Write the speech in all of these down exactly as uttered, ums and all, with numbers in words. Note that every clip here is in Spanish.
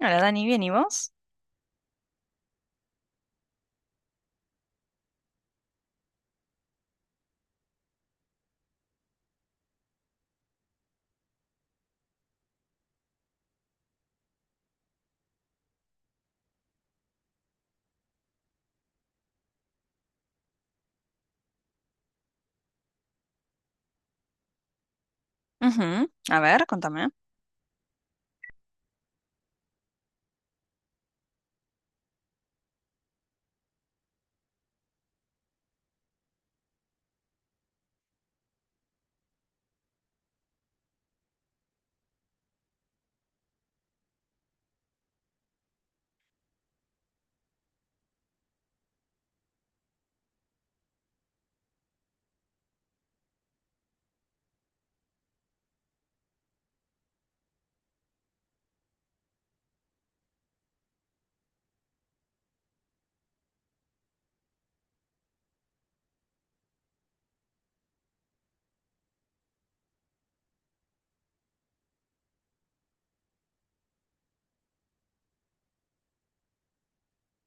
Hola Dani, ¿bien y vos? Ujú. A ver, contame.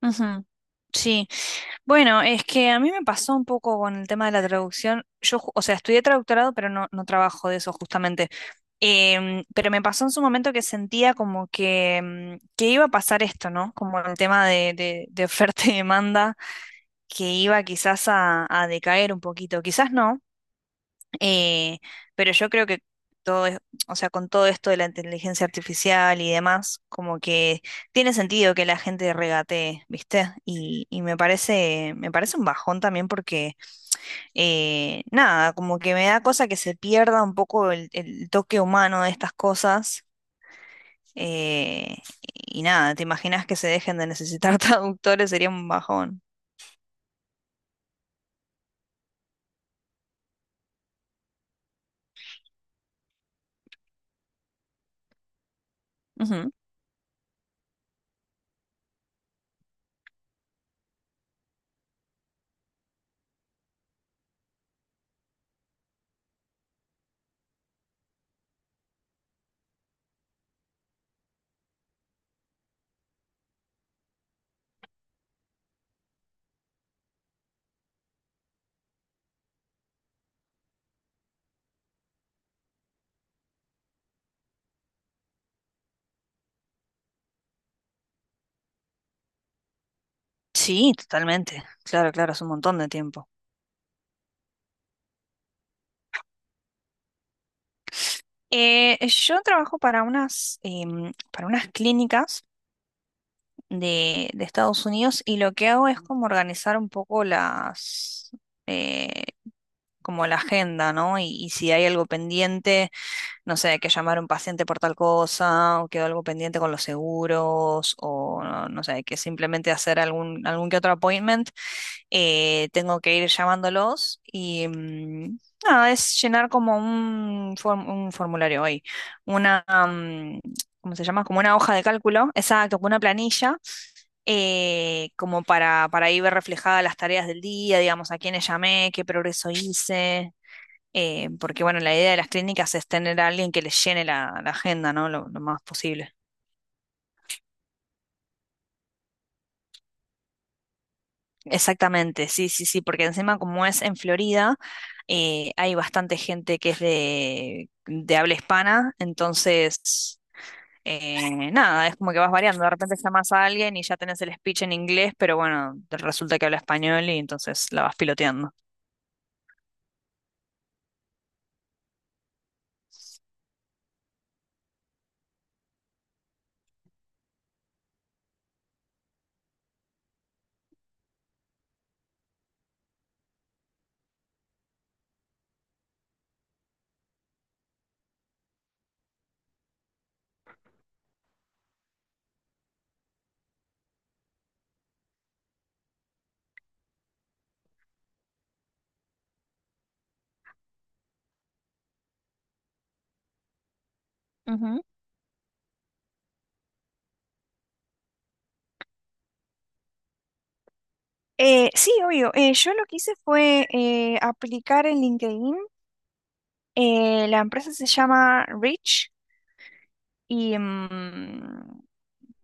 Ujú. Sí, bueno, es que a mí me pasó un poco con el tema de la traducción. Yo, ju- o sea, estudié traductorado, pero no, no trabajo de eso justamente. Em, pero me pasó en su momento que sentía como que, em, que iba a pasar esto, ¿no? Como el tema de, de- de oferta y demanda, que iba quizás a, a decaer un poquito. Quizás no. Eh, pero yo creo que todo es, o sea, con todo esto de la inteligencia artificial y demás, como que tiene sentido que la gente regatee, ¿viste? Y, y me parece, me parece un bajón también porque eh, nada, como que me da cosa que se pierda un poco el, el toque humano de estas cosas. eh, y nada, ¿te imaginas que se dejen de necesitar traductores? Sería un bajón. Ujú. Sí, totalmente. Claro, claro, es un montón de tiempo. Eh, yo trabajo para unas, em, para unas clínicas de, de Estados Unidos, y lo que hago es como organizar un poco las, eh, como la agenda, ¿no? Y, y si hay algo pendiente, no sé, que llamar a un paciente por tal cosa, o quedó algo pendiente con los seguros, o no, no sé, que simplemente hacer algún, algún que otro appointment. Eh, tengo que ir llamándolos y mm, nada, es llenar como un, form- un formulario hoy, una, mm, ¿cómo se llama? Como una hoja de cálculo, exacto, como una planilla, eh, como para, para ahí ver reflejadas las tareas del día, digamos, a quiénes llamé, qué progreso hice. Eh, porque bueno, la idea de las clínicas es tener a alguien que les llene la, la agenda, ¿no? Lo, lo más posible. Exactamente, sí, sí, sí, porque encima como es en Florida, eh, hay bastante gente que es de, de habla hispana. Entonces, eh, nada, es como que vas variando, de repente llamas a alguien y ya tenés el speech en inglés, pero bueno, resulta que habla español y entonces la vas piloteando. Ujú. Eh, sí, obvio. Eh, yo lo que hice fue eh, aplicar en LinkedIn. Eh, la empresa se llama Rich y mm,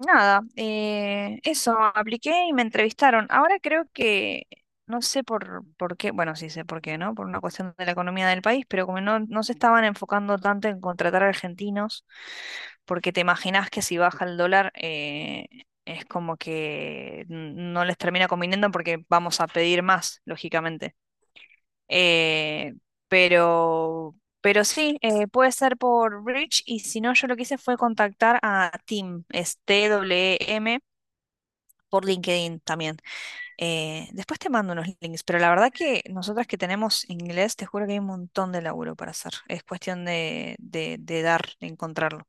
nada, eh, eso, apliqué y me entrevistaron. Ahora creo que, no sé por, por qué, bueno, sí sé por qué, ¿no? Por una cuestión de la economía del país, pero como no, no se estaban enfocando tanto en contratar argentinos, porque te imaginás que si baja el dólar, eh, es como que n- no les termina conviniendo porque vamos a pedir más, lógicamente. Eh, pero, pero sí, eh, puede ser por Bridge, y si no, yo lo que hice fue contactar a Tim, es t W M por LinkedIn también. Eh, después te mando unos links, pero la verdad que nosotras que tenemos inglés, te juro que hay un montón de laburo para hacer. Es cuestión de, de, de dar, de encontrarlo.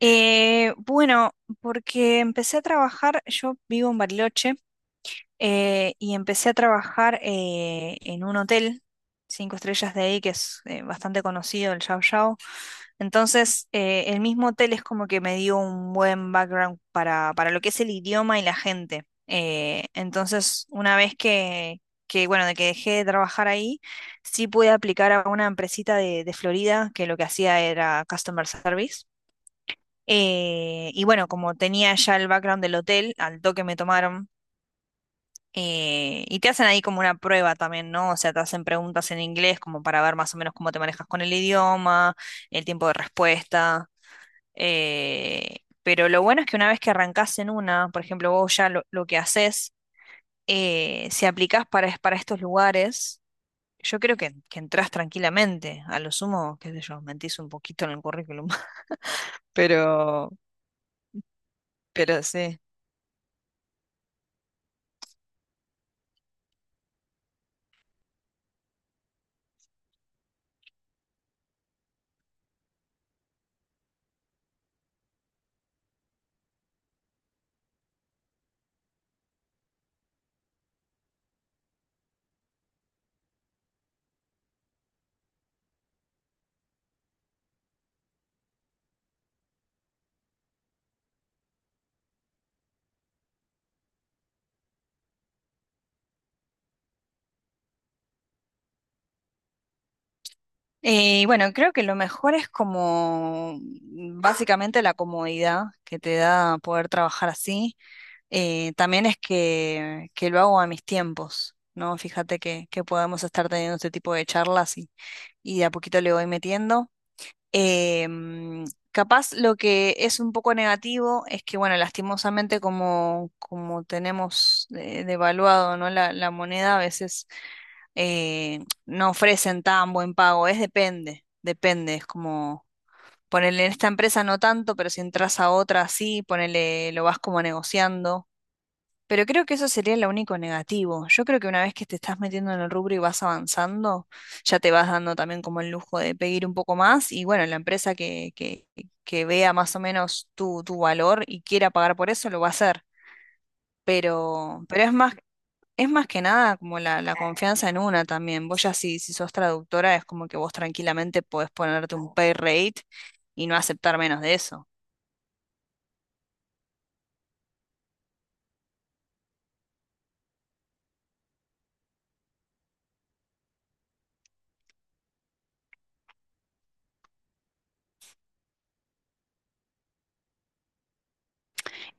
Eh, bueno, porque empecé a trabajar, yo vivo en Bariloche. Eh, y empecé a trabajar eh, en un hotel, cinco estrellas de ahí, que es eh, bastante conocido, el Yao Yao. Entonces, eh, el mismo hotel es como que me dio un buen background para, para lo que es el idioma y la gente. Eh, entonces, una vez que, que, bueno, de que dejé de trabajar ahí, sí pude aplicar a una empresita de, de Florida que lo que hacía era customer service. Eh, y bueno, como tenía ya el background del hotel, al toque me tomaron. Eh, y te hacen ahí como una prueba también, ¿no? O sea, te hacen preguntas en inglés como para ver más o menos cómo te manejas con el idioma, el tiempo de respuesta. Eh, pero lo bueno es que una vez que arrancás en una, por ejemplo, vos ya lo, lo que haces, eh, si aplicás para, es- para estos lugares, yo creo que, que entrás tranquilamente. A lo sumo, qué sé yo, mentís un poquito en el currículum. Pero, pero sí. Eh, bueno, creo que lo mejor es como mm, básicamente la comodidad que te da poder trabajar así. Eh, también es que, que lo hago a mis tiempos, ¿no? Fíjate que, que podemos estar teniendo este tipo de charlas, y, y de a poquito le voy metiendo. Em, Capaz lo que es un poco negativo es que, bueno, lastimosamente como, como tenemos eh, devaluado, ¿no?, La, la moneda, a veces eh, no ofrecen tan buen pago. Es depende, depende. Es como ponerle en esta empresa no tanto, pero si entras a otra sí, ponele, lo vas como negociando. Pero creo que eso sería lo único negativo. Yo creo que una vez que te estás metiendo en el rubro y vas avanzando, ya te vas dando también como el lujo de pedir un poco más, y bueno, la empresa que, que, que vea más o menos tu, tu valor y quiera pagar por eso, lo va a hacer. Pero, pero es más, es más que nada como la, la confianza en una también. Vos ya si, si sos traductora es como que vos tranquilamente podés ponerte un pay rate y no aceptar menos de eso.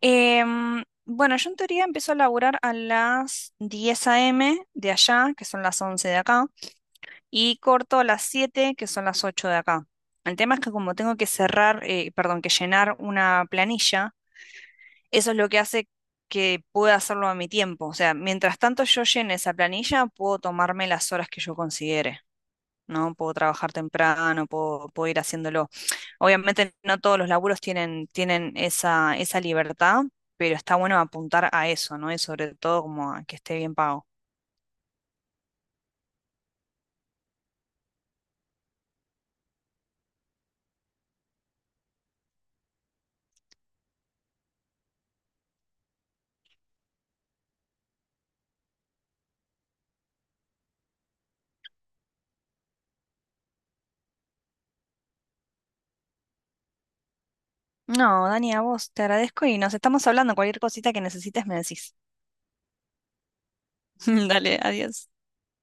Em, bueno, yo en teoría empiezo a laburar a las diez a m de allá, que son las once de acá, y corto a las siete, que son las ocho de acá. El tema es que como tengo que cerrar, eh, perdón, que llenar una planilla, eso es lo que hace que pueda hacerlo a mi tiempo. O sea, mientras tanto yo llene esa planilla, puedo tomarme las horas que yo considere, ¿no? Puedo trabajar temprano, puedo, puedo ir haciéndolo. Obviamente no todos los laburos tienen, tienen esa, esa libertad, pero está bueno apuntar a eso, ¿no? Y sobre todo como a que esté bien pago. No, Dani, a vos te agradezco y nos estamos hablando. Cualquier cosita que necesites me decís. Dale, adiós.